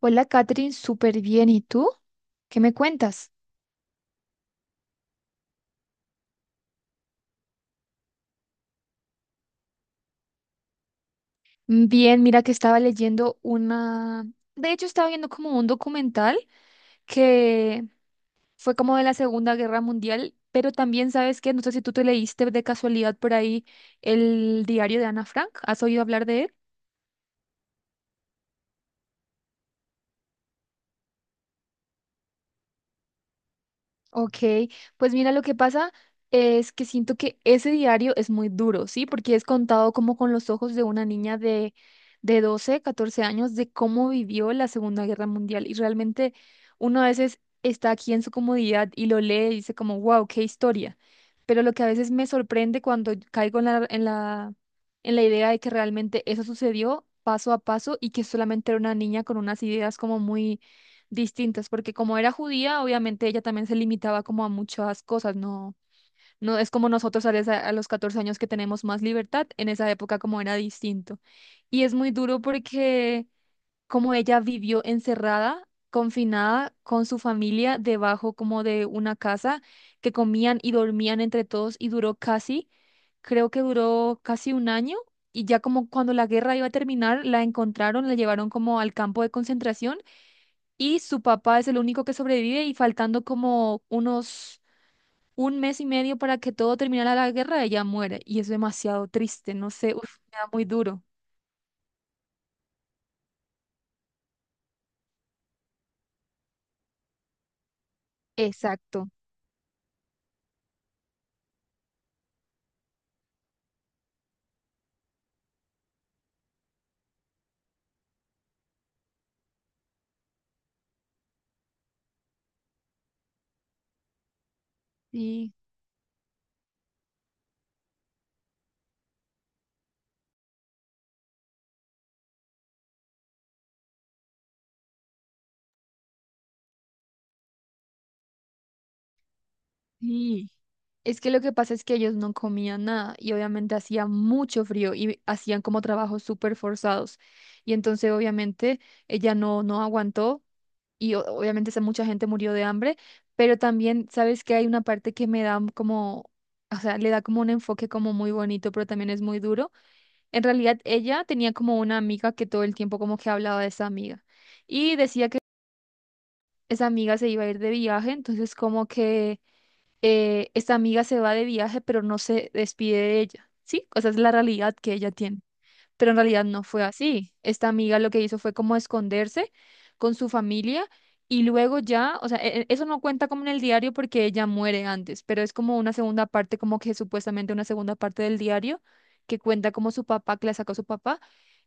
Hola, Katherine, súper bien. ¿Y tú? ¿Qué me cuentas? Bien, mira que estaba leyendo una... De hecho, estaba viendo como un documental que fue como de la Segunda Guerra Mundial, pero también sabes que, no sé si tú te leíste de casualidad por ahí el diario de Ana Frank. ¿Has oído hablar de él? Ok, pues mira, lo que pasa es que siento que ese diario es muy duro, ¿sí? Porque es contado como con los ojos de una niña de 12, 14 años, de cómo vivió la Segunda Guerra Mundial. Y realmente uno a veces está aquí en su comodidad y lo lee y dice como, wow, qué historia. Pero lo que a veces me sorprende cuando caigo en la idea de que realmente eso sucedió paso a paso y que solamente era una niña con unas ideas como muy distintas, porque como era judía, obviamente ella también se limitaba como a muchas cosas, no, no es como nosotros a, a los 14 años que tenemos más libertad, en esa época como era distinto. Y es muy duro porque como ella vivió encerrada, confinada con su familia debajo como de una casa que comían y dormían entre todos y duró casi, creo que duró casi un año. Y ya como cuando la guerra iba a terminar, la encontraron, la llevaron como al campo de concentración y su papá es el único que sobrevive y faltando como unos un mes y medio para que todo terminara la guerra, ella muere y es demasiado triste, no sé, uf, me da muy duro. Exacto. Sí, sí. Es que lo que pasa es que ellos no comían nada y obviamente hacía mucho frío y hacían como trabajos súper forzados. Y entonces obviamente ella no aguantó y obviamente esa mucha gente murió de hambre, pero también sabes que hay una parte que me da como, o sea, le da como un enfoque como muy bonito, pero también es muy duro. En realidad ella tenía como una amiga que todo el tiempo como que hablaba de esa amiga y decía que esa amiga se iba a ir de viaje, entonces como que esta amiga se va de viaje, pero no se despide de ella, ¿sí? O sea, es la realidad que ella tiene, pero en realidad no fue así. Esta amiga lo que hizo fue como esconderse con su familia y luego ya, o sea, eso no cuenta como en el diario porque ella muere antes, pero es como una segunda parte, como que supuestamente una segunda parte del diario que cuenta como su papá, que la sacó su papá,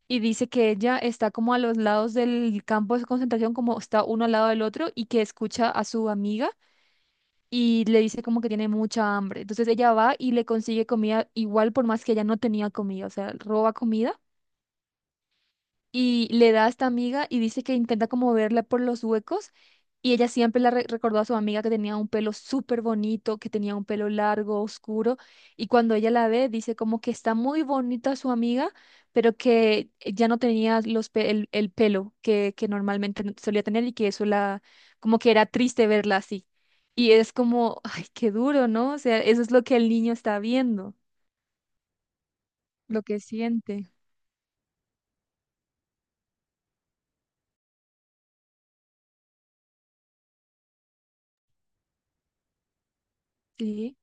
y dice que ella está como a los lados del campo de concentración, como está uno al lado del otro, y que escucha a su amiga y le dice como que tiene mucha hambre. Entonces ella va y le consigue comida igual por más que ella no tenía comida, o sea, roba comida y le da a esta amiga y dice que intenta como verla por los huecos y ella siempre la recordó a su amiga que tenía un pelo súper bonito, que tenía un pelo largo, oscuro y cuando ella la ve dice como que está muy bonita su amiga, pero que ya no tenía los el pelo que normalmente solía tener y que eso la como que era triste verla así. Y es como, ay, qué duro, ¿no? O sea, eso es lo que el niño está viendo, lo que siente. Sí,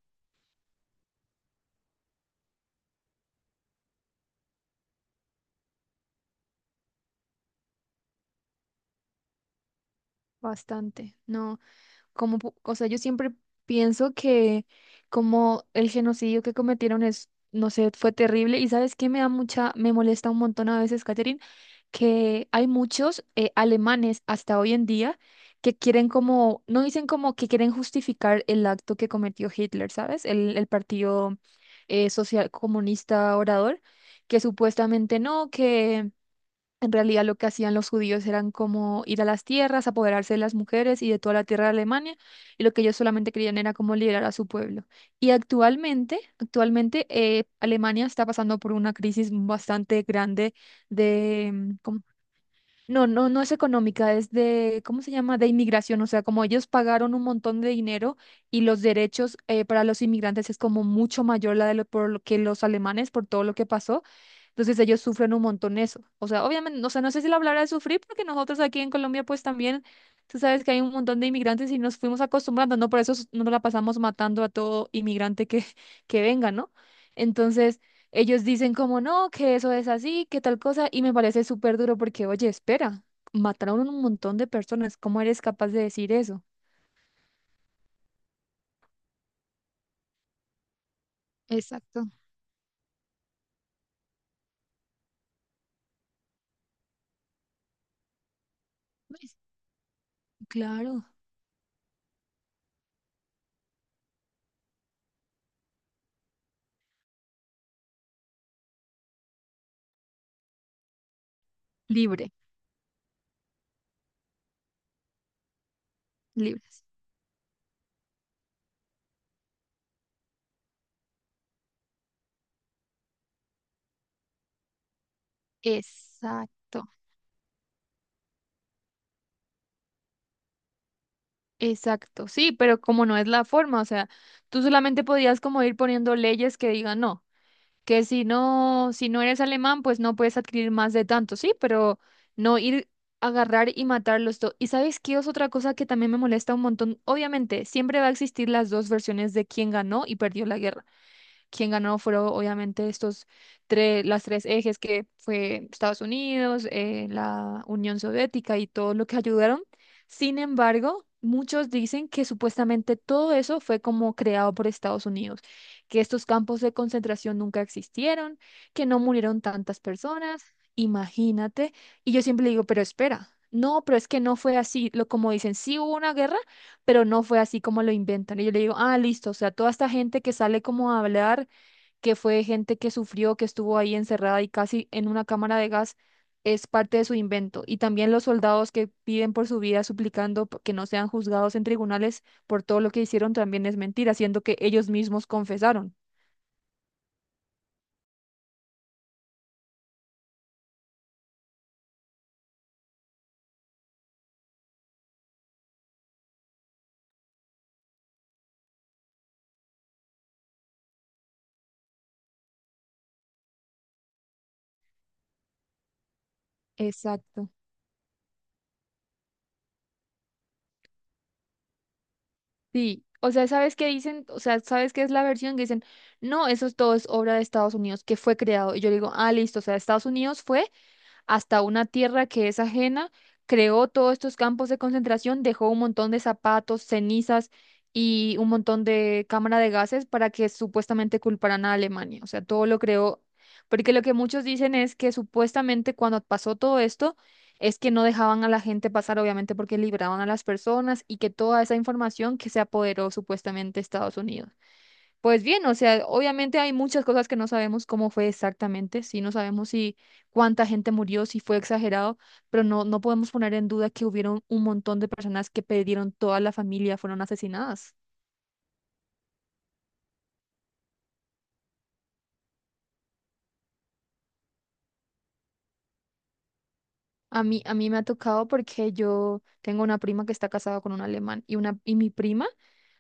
bastante. No. Como, o sea, yo siempre pienso que como el genocidio que cometieron es, no sé, fue terrible. Y sabes qué me da mucha, me molesta un montón a veces, Catherine, que hay muchos alemanes hasta hoy en día que quieren como, no dicen como que quieren justificar el acto que cometió Hitler, ¿sabes? El partido social comunista orador, que supuestamente no, que en realidad lo que hacían los judíos eran como ir a las tierras, apoderarse de las mujeres y de toda la tierra de Alemania, y lo que ellos solamente querían era como liberar a su pueblo. Y actualmente Alemania está pasando por una crisis bastante grande de, no, no, no es económica, es de, ¿cómo se llama? De inmigración, o sea, como ellos pagaron un montón de dinero y los derechos para los inmigrantes es como mucho mayor la de lo, por lo que los alemanes, por todo lo que pasó, entonces ellos sufren un montón eso, o sea, obviamente, o sea, no sé si la palabra es sufrir, porque nosotros aquí en Colombia pues también, tú sabes que hay un montón de inmigrantes y nos fuimos acostumbrando, ¿no? Por eso no la pasamos matando a todo inmigrante que, que venga, ¿no? Ellos dicen como no, que eso es así, que tal cosa, y me parece súper duro porque, oye, espera, mataron un montón de personas, ¿cómo eres capaz de decir eso? Exacto. Pues, claro. Libre, libres. Exacto. Exacto, sí, pero como no es la forma, o sea, tú solamente podías como ir poniendo leyes que digan no. Que si no, si no eres alemán, pues no puedes adquirir más de tanto, sí, pero no ir a agarrar y matarlos todo. ¿Y sabes qué es otra cosa que también me molesta un montón? Obviamente, siempre va a existir las dos versiones de quién ganó y perdió la guerra, quien ganó fueron obviamente estos tres, las tres ejes que fue Estados Unidos, la Unión Soviética y todo lo que ayudaron. Sin embargo, muchos dicen que supuestamente todo eso fue como creado por Estados Unidos, que estos campos de concentración nunca existieron, que no murieron tantas personas. Imagínate. Y yo siempre digo, pero espera. No, pero es que no fue así, lo como dicen, sí hubo una guerra, pero no fue así como lo inventan. Y yo le digo, ah, listo, o sea, toda esta gente que sale como a hablar que fue gente que sufrió, que estuvo ahí encerrada y casi en una cámara de gas, es parte de su invento. Y también los soldados que piden por su vida suplicando que no sean juzgados en tribunales por todo lo que hicieron también es mentira, siendo que ellos mismos confesaron. Exacto. Sí. O sea, ¿sabes qué dicen? O sea, ¿sabes qué es la versión que dicen? No, eso es todo es obra de Estados Unidos, que fue creado. Y yo digo, ah, listo, o sea, Estados Unidos fue hasta una tierra que es ajena, creó todos estos campos de concentración, dejó un montón de zapatos, cenizas y un montón de cámara de gases para que supuestamente culparan a Alemania. O sea, todo lo creó, porque lo que muchos dicen es que supuestamente cuando pasó todo esto, es que no dejaban a la gente pasar, obviamente porque liberaban a las personas y que toda esa información que se apoderó supuestamente Estados Unidos. Pues bien, o sea, obviamente hay muchas cosas que no sabemos cómo fue exactamente, sí, no sabemos si cuánta gente murió, si fue exagerado, pero no, no podemos poner en duda que hubieron un montón de personas que perdieron toda la familia, fueron asesinadas. A mí me ha tocado porque yo tengo una prima que está casada con un alemán y, una, y mi prima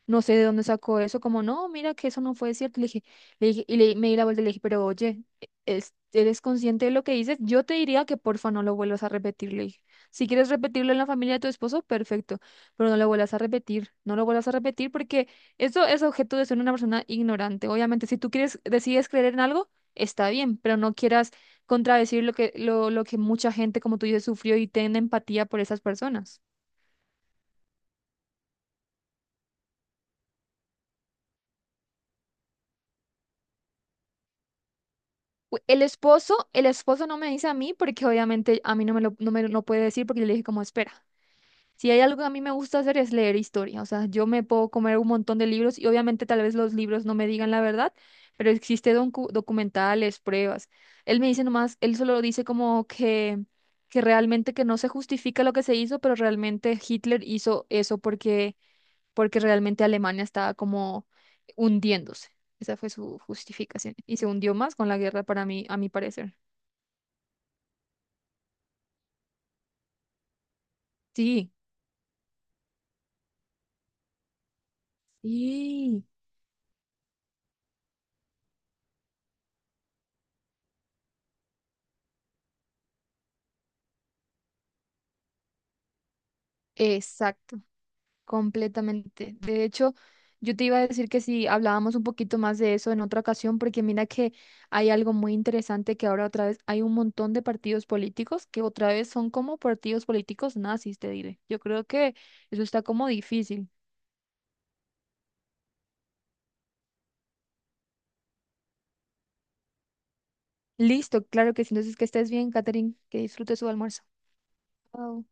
no sé de dónde sacó eso, como no, mira que eso no fue cierto. Le dije, y le, me di la vuelta y le dije, pero oye, ¿eres consciente de lo que dices? Yo te diría que porfa no lo vuelvas a repetir, le dije. Si quieres repetirlo en la familia de tu esposo, perfecto, pero no lo vuelvas a repetir, no lo vuelvas a repetir porque eso es objeto de ser una persona ignorante. Obviamente, si tú quieres, decides creer en algo, está bien, pero no quieras contradecir lo que mucha gente, como tú dices, sufrió y ten empatía por esas personas. El esposo no me dice a mí porque obviamente a mí no me lo, no me lo puede decir porque yo le dije como espera. Si hay algo que a mí me gusta hacer es leer historia, o sea, yo me puedo comer un montón de libros y obviamente tal vez los libros no me digan la verdad, pero existe documentales, pruebas. Él me dice nomás, él solo dice como que realmente que no se justifica lo que se hizo, pero realmente Hitler hizo eso porque porque realmente Alemania estaba como hundiéndose. Esa fue su justificación. Y se hundió más con la guerra para mí, a mi parecer. Sí, sí, exacto, completamente. De hecho, yo te iba a decir que si hablábamos un poquito más de eso en otra ocasión, porque mira que hay algo muy interesante que ahora otra vez hay un montón de partidos políticos que otra vez son como partidos políticos nazis, te diré. Yo creo que eso está como difícil. Listo, claro que sí. Entonces, que estés bien, Catherine, que disfrutes su almuerzo. Chao.